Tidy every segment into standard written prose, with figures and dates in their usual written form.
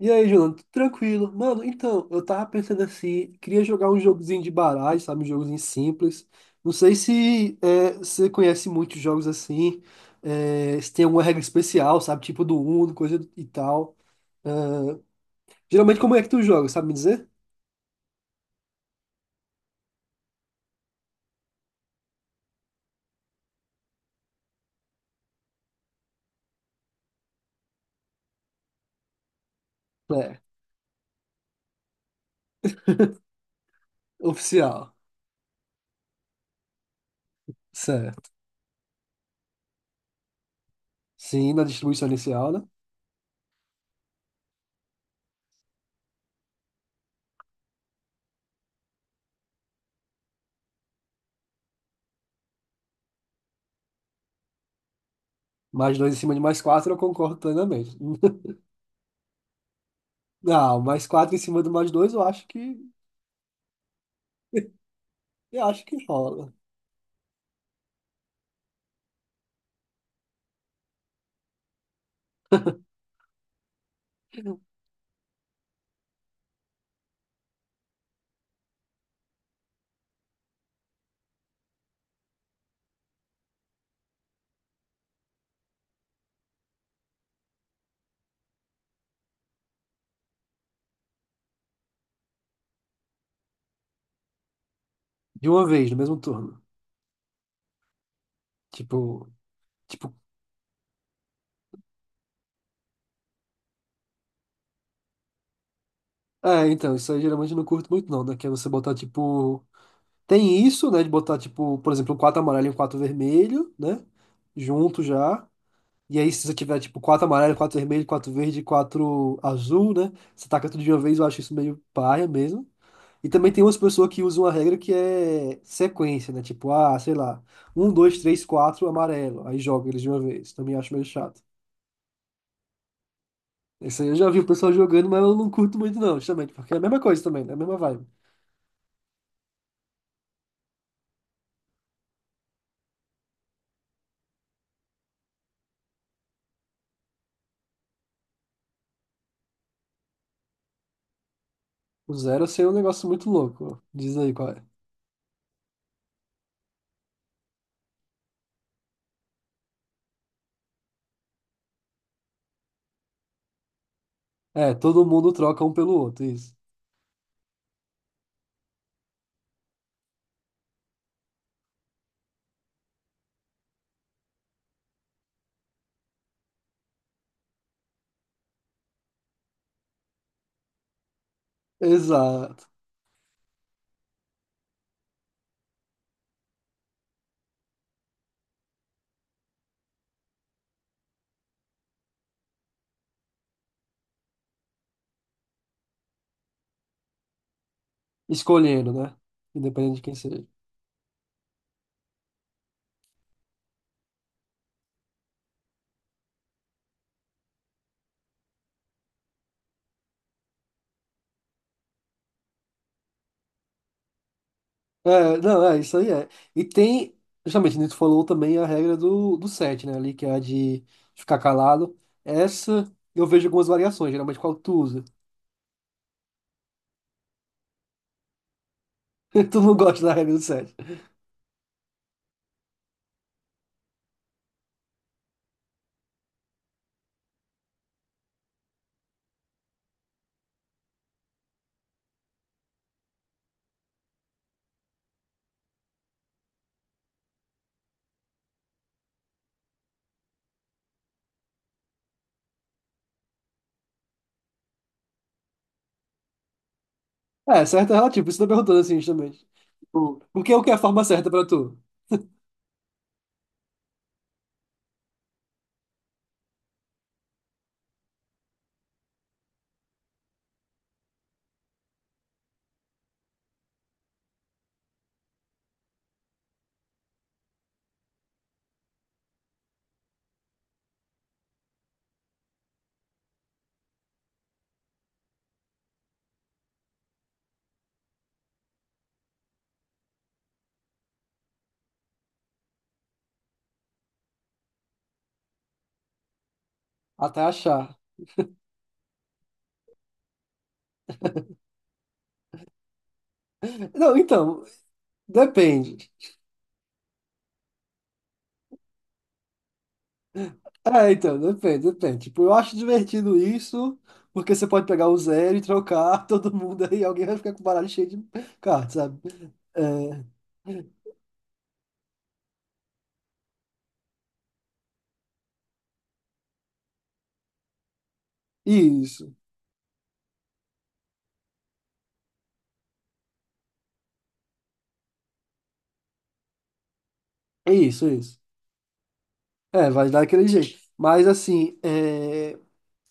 E aí, Jonathan, tudo tranquilo? Mano, então, eu tava pensando assim, queria jogar um jogozinho de baralho, sabe? Um jogozinho simples. Não sei se você conhece muitos jogos assim, se tem alguma regra especial, sabe? Tipo do Uno, coisa e tal. Geralmente, como é que tu joga, sabe me dizer? É, oficial. Certo. Sim, na distribuição inicial, né? Mais dois em cima de mais quatro, eu concordo plenamente. Não, mais quatro em cima do mais dois, eu acho que rola. De uma vez, no mesmo turno. Tipo. Tipo. É, então, isso aí geralmente eu não curto muito não, né? Que é você botar, tipo. Tem isso, né? De botar, tipo, por exemplo, quatro amarelo e um quatro vermelho, né? Junto já. E aí, se você tiver, tipo, quatro amarelo, quatro vermelho, quatro verde, quatro azul, né? Você taca tudo de uma vez, eu acho isso meio paia mesmo. E também tem umas pessoas que usam a regra que é sequência, né? Tipo, ah, sei lá, um, dois, três, quatro, amarelo. Aí joga eles de uma vez. Também acho meio chato. Isso aí eu já vi o pessoal jogando, mas eu não curto muito não, justamente, porque é a mesma coisa também, né? A mesma vibe. O zero eu sei é um negócio muito louco. Diz aí qual é. É, todo mundo troca um pelo outro, isso. Exato. Escolhendo, né? Independente de quem seja. Não, isso aí é. E tem, justamente, Nito falou também a regra do sete, né? Ali, que é a de ficar calado. Essa eu vejo algumas variações, geralmente qual tu usa. Tu não gosta da regra do sete. É, certo é relativo, por isso eu perguntando assim, justamente. Tipo, o que é, o que é a forma certa pra tu? Até achar. Não, então, depende. É, então, depende. Tipo, eu acho divertido isso, porque você pode pegar o zero e trocar todo mundo aí, alguém vai ficar com o baralho cheio de cartas, sabe? É, isso, é isso. É, vai dar aquele jeito. Mas, assim, é,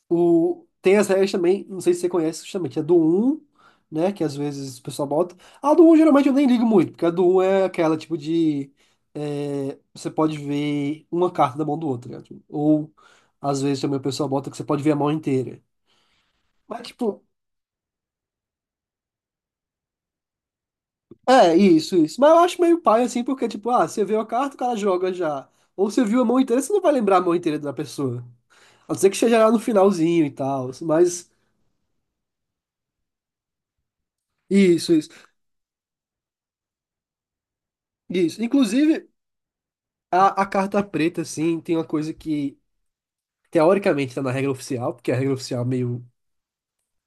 o, tem as regras também, não sei se você conhece, justamente, é do um, né, que às vezes o pessoal bota. A do um geralmente eu nem ligo muito, porque a do um é aquela tipo de, é, você pode ver uma carta da mão do outro, né? Tipo, ou às vezes também o pessoal bota que você pode ver a mão inteira. Mas, tipo, é isso. Mas eu acho meio pai assim, porque, tipo, ah, você viu a carta, o cara joga já. Ou você viu a mão inteira, você não vai lembrar a mão inteira da pessoa. A não ser que esteja lá no finalzinho e tal. Mas, isso, isso, isso. Inclusive, a carta preta, assim, tem uma coisa que, teoricamente, tá na regra oficial, porque a regra oficial é meio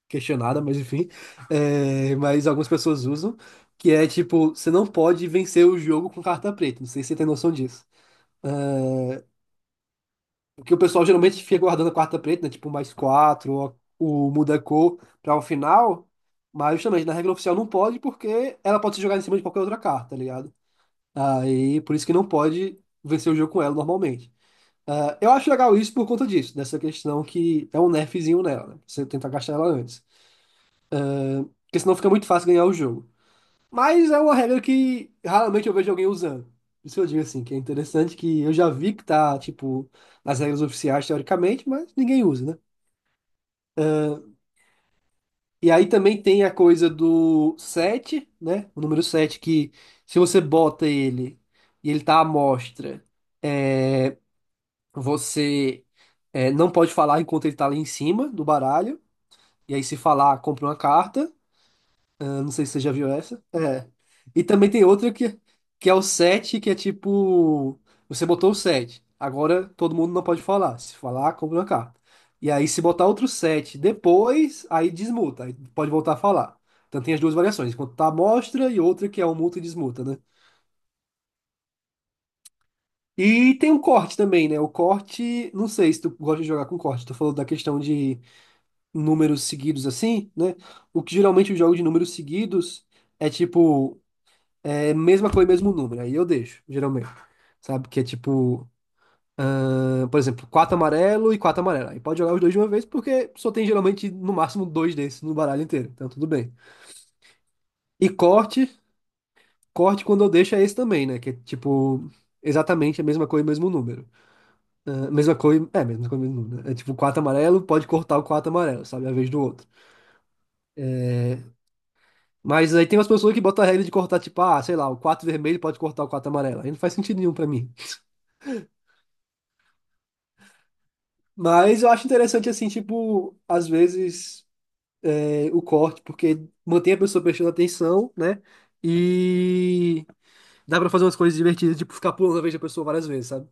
questionada, mas enfim. É, mas algumas pessoas usam, que é, tipo, você não pode vencer o jogo com carta preta. Não sei se você tem noção disso. Porque o pessoal geralmente fica guardando a quarta preta, né? Tipo, mais quatro, ou muda a cor pra o final. Mas justamente na regra oficial não pode, porque ela pode ser jogada em cima de qualquer outra carta, tá ligado? Aí por isso que não pode vencer o jogo com ela normalmente. Ah, eu acho legal isso por conta disso, dessa questão que é um nerfzinho nela, né? Você tentar gastar ela antes. Porque senão fica muito fácil ganhar o jogo. Mas é uma regra que raramente eu vejo alguém usando. Por isso eu digo assim, que é interessante, que eu já vi que tá, tipo, nas regras oficiais, teoricamente, mas ninguém usa, né? E aí também tem a coisa do 7, né? O número 7 que, se você bota ele e ele tá à mostra, você, não pode falar enquanto ele tá ali em cima do baralho. E aí se falar, compra uma carta. Eu não sei se você já viu essa. É. E também tem outra que é o 7, que é tipo. Você botou o 7. Agora todo mundo não pode falar. Se falar, compra uma carta. E aí, se botar outro 7 depois, aí desmuta. Aí pode voltar a falar. Então tem as duas variações. Enquanto tá a mostra e outra que é o multa e desmuta, né? E tem um corte também, né? O corte, não sei se tu gosta de jogar com corte. Tu falou da questão de números seguidos assim, né? O que geralmente eu jogo de números seguidos é tipo. É mesma cor e mesmo número. Aí eu deixo, geralmente. Sabe? Que é tipo, ah, por exemplo, quatro amarelo e quatro amarelo. Aí pode jogar os dois de uma vez, porque só tem geralmente no máximo dois desses no baralho inteiro. Então tudo bem. E corte quando eu deixo é esse também, né? Que é tipo, exatamente a mesma cor e mesmo número. Ah, mesma cor e. É, mesma cor e mesmo número, né? É tipo, quatro amarelo, pode cortar o quatro amarelo, sabe? A vez do outro. Mas aí tem umas pessoas que botam a regra de cortar, tipo, ah, sei lá, o quatro vermelho pode cortar o quatro amarelo. Aí não faz sentido nenhum pra mim. Mas eu acho interessante, assim, tipo, às vezes o corte, porque mantém a pessoa prestando atenção, né? E dá pra fazer umas coisas divertidas, tipo, ficar pulando a vez da pessoa várias vezes, sabe?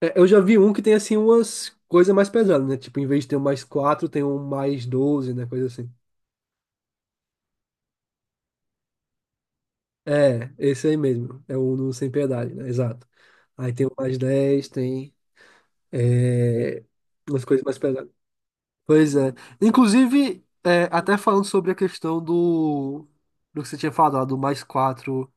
É, eu já vi um que tem, assim, umas coisas mais pesadas, né? Tipo, em vez de ter um mais quatro, tem um mais 12, né? Coisa assim. É, esse aí mesmo. É o No Sem Piedade, né? Exato. Aí tem o mais 10, tem umas coisas mais pesadas. Pois é. Inclusive, é, até falando sobre a questão do que você tinha falado, do mais 4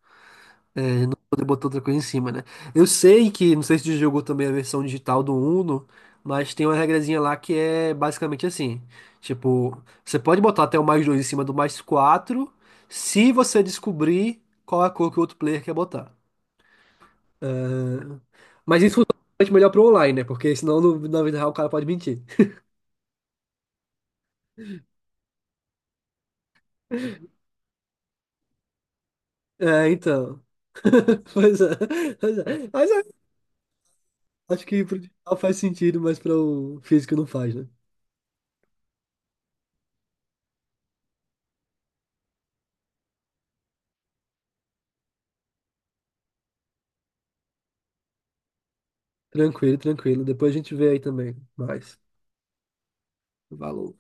poder botar outra coisa em cima, né? Eu sei que, não sei se tu jogou também a versão digital do Uno, mas tem uma regrazinha lá que é basicamente assim. Tipo, você pode botar até o mais 2 em cima do mais 4 se você descobrir qual é a cor que o outro player quer botar. Mas isso é bastante melhor pro online, né? Porque senão na vida real o cara pode mentir. É, então. Pois é. Pois é. Mas acho que pro digital faz sentido, mas para o físico não faz, né? Tranquilo, tranquilo. Depois a gente vê aí também. Mas, valor.